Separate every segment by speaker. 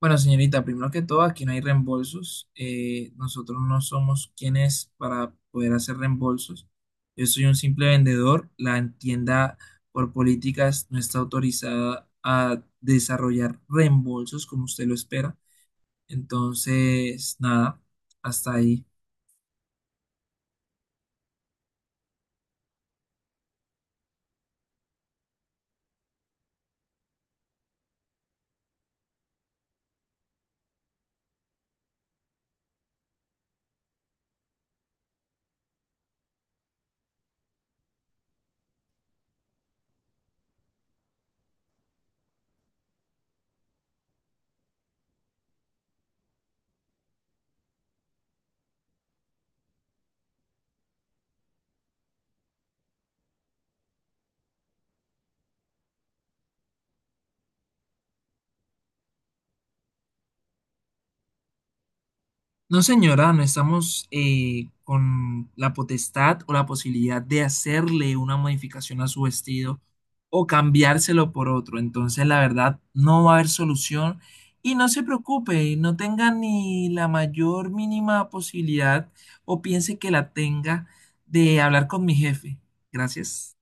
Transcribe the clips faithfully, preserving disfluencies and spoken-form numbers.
Speaker 1: Bueno, señorita, primero que todo, aquí no hay reembolsos. Eh, nosotros no somos quienes para poder hacer reembolsos. Yo soy un simple vendedor. La tienda por políticas no está autorizada a desarrollar reembolsos como usted lo espera. Entonces, nada, hasta ahí. No, señora, no estamos eh, con la potestad o la posibilidad de hacerle una modificación a su vestido o cambiárselo por otro. Entonces, la verdad, no va a haber solución y no se preocupe, no tenga ni la mayor mínima posibilidad o piense que la tenga de hablar con mi jefe. Gracias.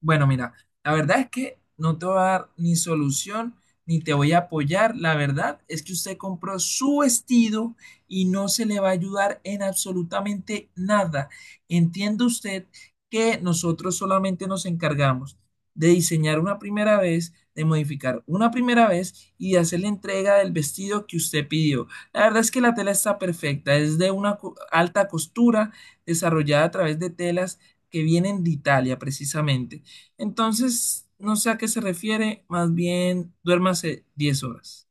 Speaker 1: Bueno, mira, la verdad es que no te voy a dar ni solución ni te voy a apoyar. La verdad es que usted compró su vestido y no se le va a ayudar en absolutamente nada. Entiende usted que nosotros solamente nos encargamos de diseñar una primera vez, de modificar una primera vez y de hacer la entrega del vestido que usted pidió. La verdad es que la tela está perfecta, es de una co- alta costura desarrollada a través de telas que vienen de Italia precisamente. Entonces, no sé a qué se refiere, más bien duérmase diez horas.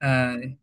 Speaker 1: Ay.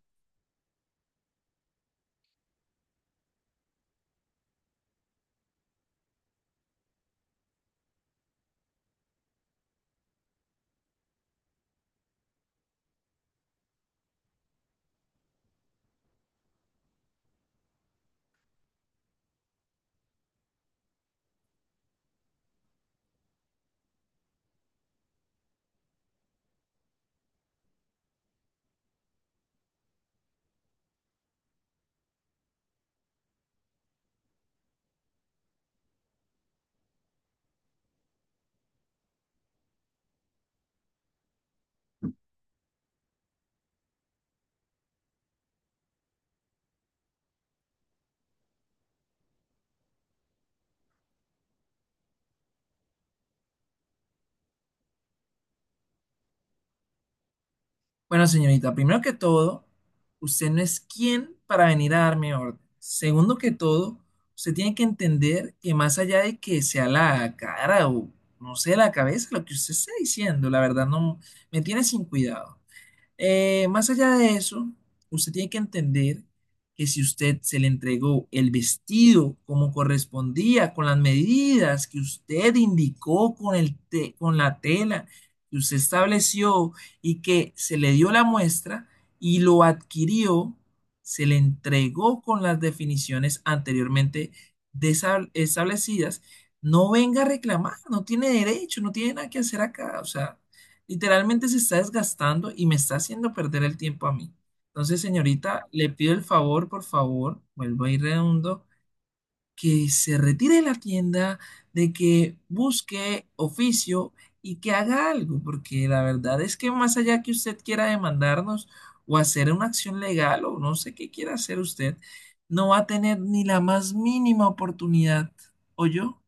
Speaker 1: Bueno, señorita, primero que todo, usted no es quien para venir a darme orden. Segundo que todo, usted tiene que entender que más allá de que sea la cara o no sé, la cabeza, lo que usted está diciendo, la verdad no me tiene sin cuidado. Eh, más allá de eso, usted tiene que entender que si usted se le entregó el vestido como correspondía, con las medidas que usted indicó con el te- con la tela que usted estableció y que se le dio la muestra y lo adquirió, se le entregó con las definiciones anteriormente desa- establecidas, no venga a reclamar, no tiene derecho, no tiene nada que hacer acá, o sea. Literalmente se está desgastando y me está haciendo perder el tiempo a mí. Entonces, señorita, le pido el favor, por favor, vuelvo a ir redondo, que se retire de la tienda, de que busque oficio y que haga algo, porque la verdad es que más allá que usted quiera demandarnos o hacer una acción legal o no sé qué quiera hacer usted, no va a tener ni la más mínima oportunidad. ¿O yo?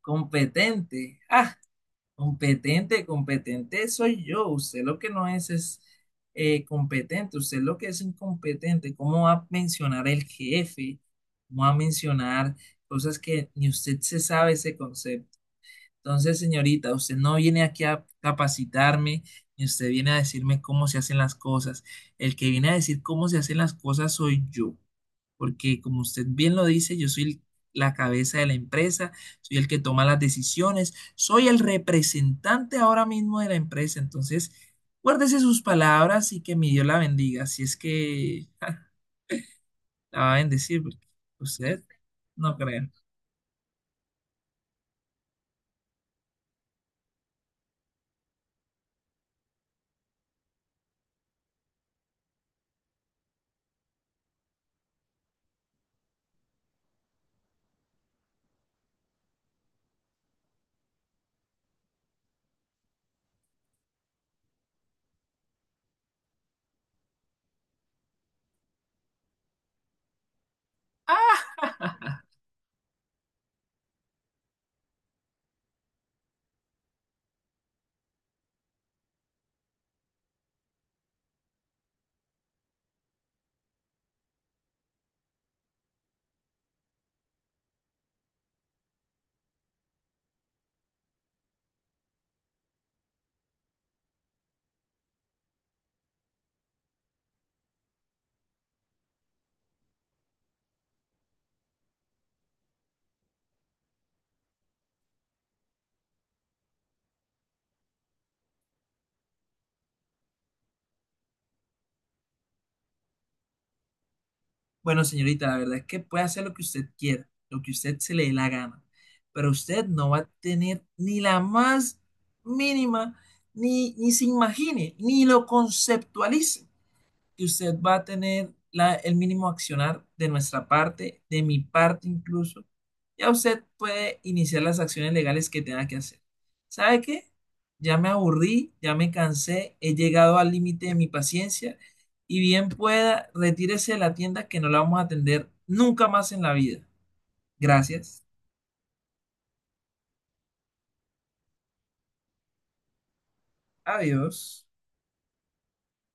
Speaker 1: Competente. Ah. Competente, competente soy yo. Usted lo que no es es eh, competente, usted lo que es incompetente. ¿Cómo va a mencionar el jefe? ¿Cómo va a mencionar cosas que ni usted se sabe ese concepto? Entonces, señorita, usted no viene aquí a capacitarme, ni usted viene a decirme cómo se hacen las cosas. El que viene a decir cómo se hacen las cosas soy yo porque como usted bien lo dice, yo soy el- la cabeza de la empresa, soy el que toma las decisiones, soy el representante ahora mismo de la empresa, entonces guárdese sus palabras y que mi Dios la bendiga, si es que ja, la va a bendecir, porque usted no cree. Ah, bueno, señorita, la verdad es que puede hacer lo que usted quiera, lo que usted se le dé la gana, pero usted no va a tener ni la más mínima, ni, ni se imagine, ni lo conceptualice que usted va a tener la- el mínimo accionar de nuestra parte, de mi parte incluso. Ya usted puede iniciar las acciones legales que tenga que hacer. ¿Sabe qué? Ya me aburrí, ya me cansé, he llegado al límite de mi paciencia y bien pueda, retírese de la tienda que no la vamos a atender nunca más en la vida. Gracias. Adiós.